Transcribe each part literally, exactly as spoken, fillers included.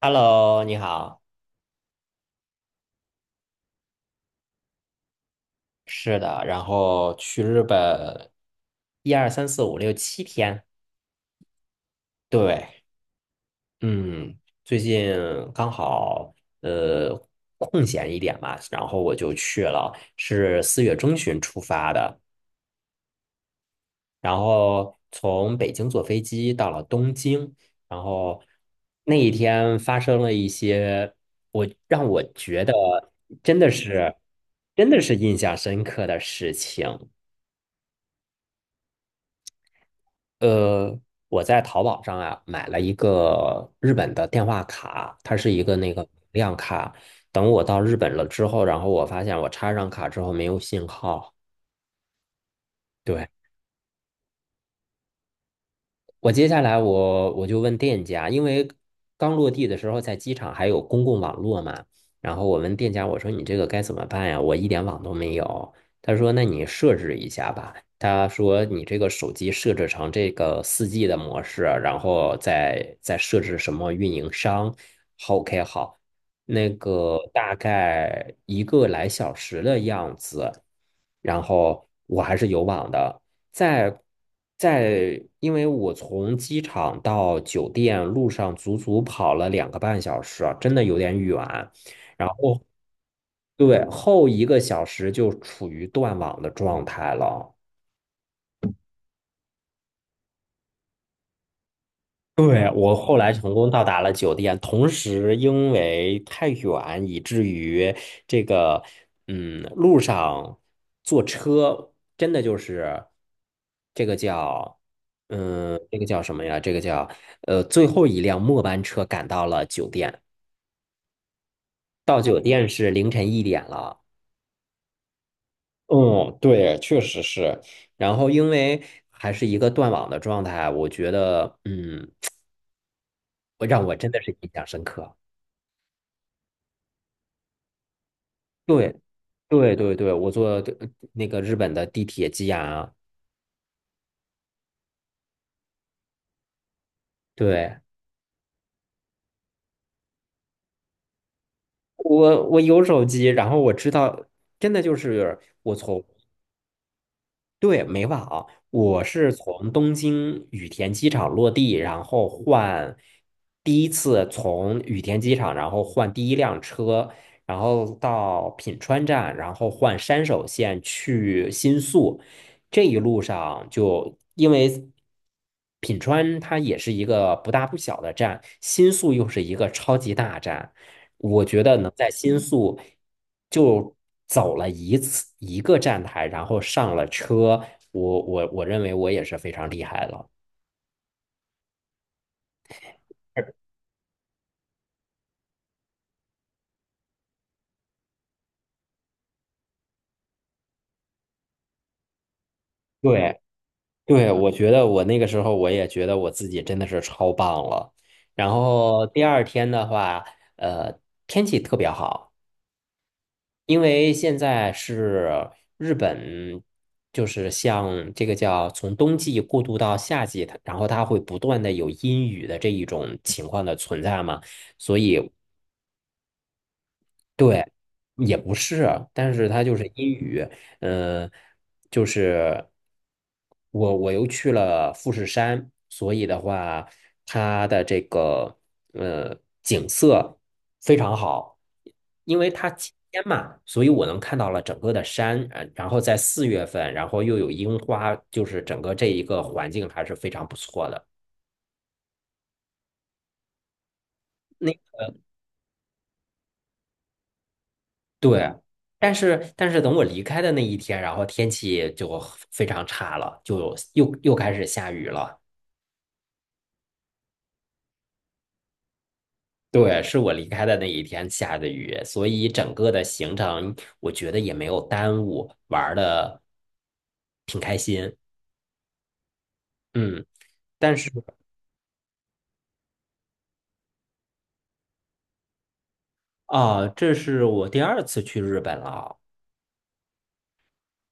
Hello，你好。是的，然后去日本，一二三四五六七天。对，嗯，最近刚好呃空闲一点嘛，然后我就去了，是四月中旬出发的，然后从北京坐飞机到了东京，然后那一天发生了一些我让我觉得真的是真的是印象深刻的事情。呃，我在淘宝上啊买了一个日本的电话卡，它是一个那个量卡。等我到日本了之后，然后我发现我插上卡之后没有信号。对。我接下来我我就问店家，因为刚落地的时候在机场还有公共网络嘛，然后我问店家，我说你这个该怎么办呀？我一点网都没有。他说那你设置一下吧。他说你这个手机设置成这个四 g 的模式，然后再再设置什么运营商。好，OK，好，那个大概一个来小时的样子，然后我还是有网的。在在，因为我从机场到酒店路上足足跑了两个半小时啊，真的有点远。然后，对，后一个小时就处于断网的状态了。对，我后来成功到达了酒店，同时因为太远，以至于这个，嗯，路上坐车真的就是这个叫，嗯，这个叫什么呀？这个叫，呃，最后一辆末班车赶到了酒店，到酒店是凌晨一点了。嗯，对，确实是。然后因为还是一个断网的状态，我觉得，嗯，让我真的是印象深刻。对，对对对，我坐呃那个日本的地铁机啊。对，我我有手机，然后我知道，真的就是我从。对，没忘啊，我是从东京羽田机场落地，然后换第一次从羽田机场，然后换第一辆车，然后到品川站，然后换山手线去新宿。这一路上就因为品川它也是一个不大不小的站，新宿又是一个超级大站，我觉得能在新宿就走了一次一个站台，然后上了车，我我我认为我也是非常厉害了。对对，我觉得我那个时候我也觉得我自己真的是超棒了。然后第二天的话，呃，天气特别好。因为现在是日本，就是像这个叫从冬季过渡到夏季，它然后它会不断的有阴雨的这一种情况的存在嘛，所以对，也不是啊，但是它就是阴雨，嗯、就是我我又去了富士山，所以的话，它的这个呃景色非常好，因为它晴天嘛，所以我能看到了整个的山，呃然后在四月份，然后又有樱花，就是整个这一个环境还是非常不错的。对，但是但是等我离开的那一天，然后天气就非常差了，就又又开始下雨了。对，是我离开的那一天下的雨，所以整个的行程我觉得也没有耽误，玩的挺开心。嗯，但是啊，这是我第二次去日本了。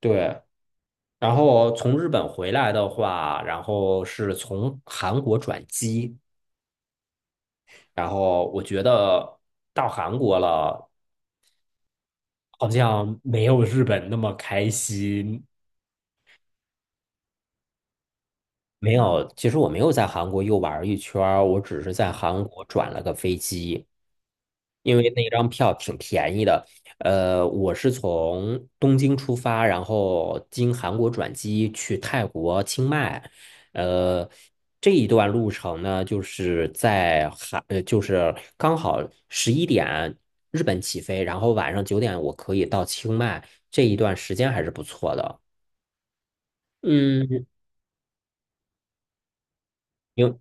对，然后从日本回来的话，然后是从韩国转机，然后我觉得到韩国了。好像没有日本那么开心。没有，其实我没有在韩国又玩儿一圈儿，我只是在韩国转了个飞机，因为那张票挺便宜的。呃，我是从东京出发，然后经韩国转机去泰国清迈。呃，这一段路程呢，就是在韩，呃，就是刚好十一点日本起飞，然后晚上九点我可以到清迈，这一段时间还是不错的。嗯，因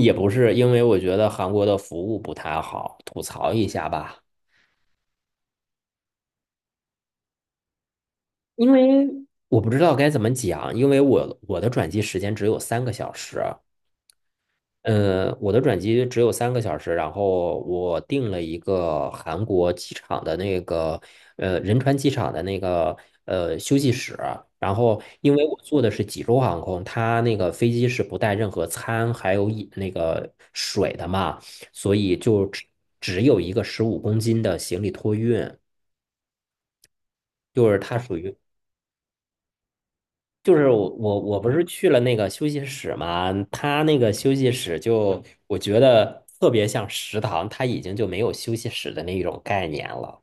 也不是，因为我觉得韩国的服务不太好，吐槽一下吧。因为我不知道该怎么讲，因为我我的转机时间只有三个小时。呃，我的转机只有三个小时，然后我订了一个韩国机场的那个呃仁川机场的那个呃休息室，然后因为我坐的是济州航空，它那个飞机是不带任何餐还有饮那个水的嘛，所以就只只有一个十五公斤的行李托运，就是它属于就是我我我不是去了那个休息室嘛，他那个休息室就我觉得特别像食堂，他已经就没有休息室的那种概念了。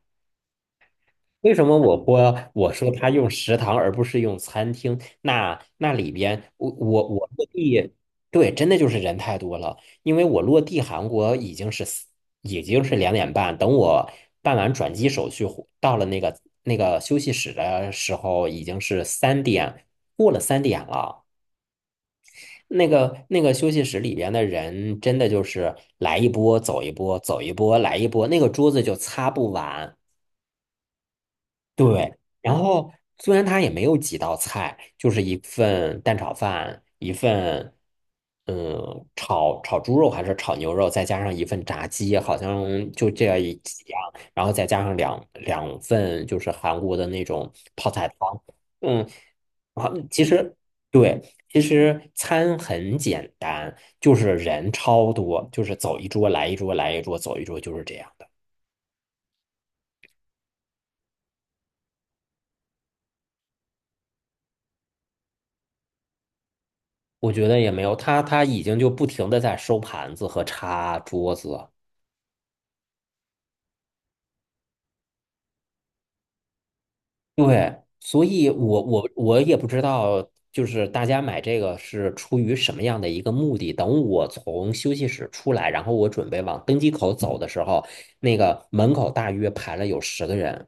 为什么我播我说他用食堂而不是用餐厅？那那里边我我我落地，对，真的就是人太多了。因为我落地韩国已经是四已经是两点半，等我办完转机手续回到了那个那个休息室的时候，已经是三点过了三点了。那个那个休息室里边的人，真的就是来一波走一波，走一波来一波，那个桌子就擦不完。对，然后虽然他也没有几道菜，就是一份蛋炒饭，一份嗯炒炒猪肉还是炒牛肉，再加上一份炸鸡，好像就这样一几样，然后再加上两两份就是韩国的那种泡菜汤。嗯。啊，其实对，其实餐很简单，就是人超多，就是走一桌来一桌，来一桌走一桌，就是这样的。我觉得也没有，他他已经就不停的在收盘子和擦桌子。对，所以我我我也不知道，就是大家买这个是出于什么样的一个目的。等我从休息室出来，然后我准备往登机口走的时候，那个门口大约排了有十个人。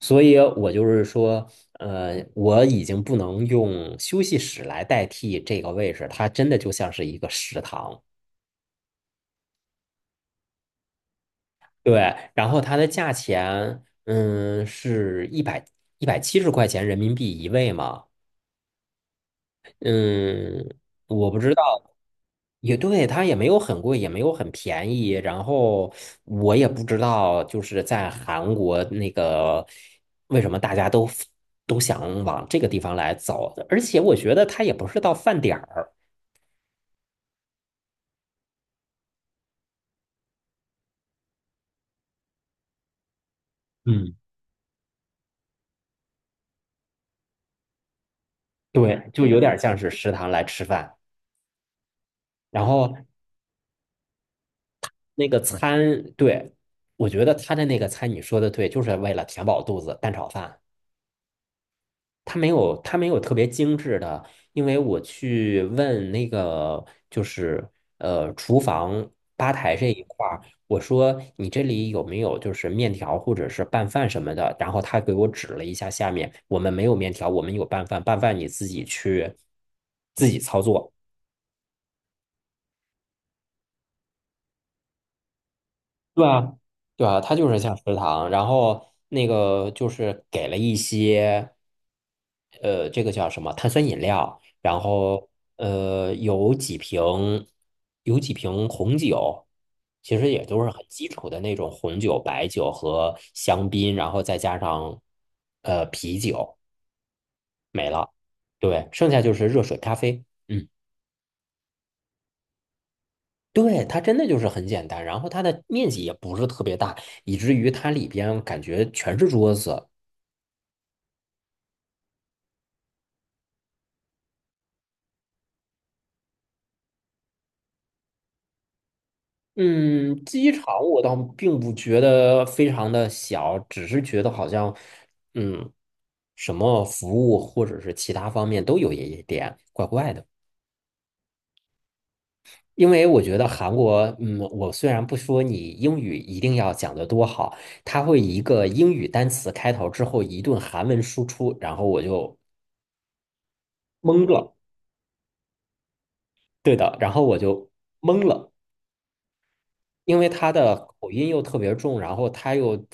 所以我就是说，呃，我已经不能用休息室来代替这个位置，它真的就像是一个食堂。对，然后它的价钱，嗯，是一百一百七十块钱人民币一位嘛。嗯，我不知道，也对，它也没有很贵，也没有很便宜。然后我也不知道，就是在韩国那个为什么大家都都想往这个地方来走，而且我觉得它也不是到饭点儿，嗯，对，就有点像是食堂来吃饭。然后那个餐，对，我觉得他的那个餐，你说的对，就是为了填饱肚子，蛋炒饭。它没有，它没有特别精致的，因为我去问那个就是呃厨房吧台这一块儿，我说你这里有没有就是面条或者是拌饭什么的，然后他给我指了一下下面，我们没有面条，我们有拌饭，拌饭你自己去自己操作。对啊，对啊，它就是像食堂，然后那个就是给了一些，呃，这个叫什么碳酸饮料，然后呃有几瓶有几瓶红酒，其实也都是很基础的那种红酒、白酒和香槟，然后再加上呃啤酒没了，对，剩下就是热水、咖啡，嗯。对，它真的就是很简单，然后它的面积也不是特别大，以至于它里边感觉全是桌子。嗯，机场我倒并不觉得非常的小，只是觉得好像，嗯，什么服务或者是其他方面都有一点怪怪的。因为我觉得韩国，嗯，我虽然不说你英语一定要讲得多好，它会一个英语单词开头之后一顿韩文输出，然后我就懵了。对的，然后我就懵了，因为他的口音又特别重，然后他又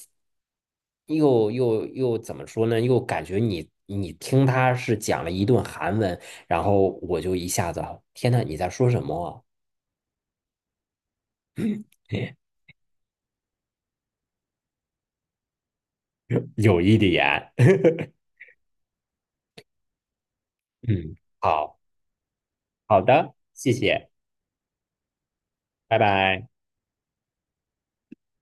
又又又怎么说呢？又感觉你你听他是讲了一顿韩文，然后我就一下子，天呐，你在说什么啊？有一点，嗯，好好的，谢谢，拜拜。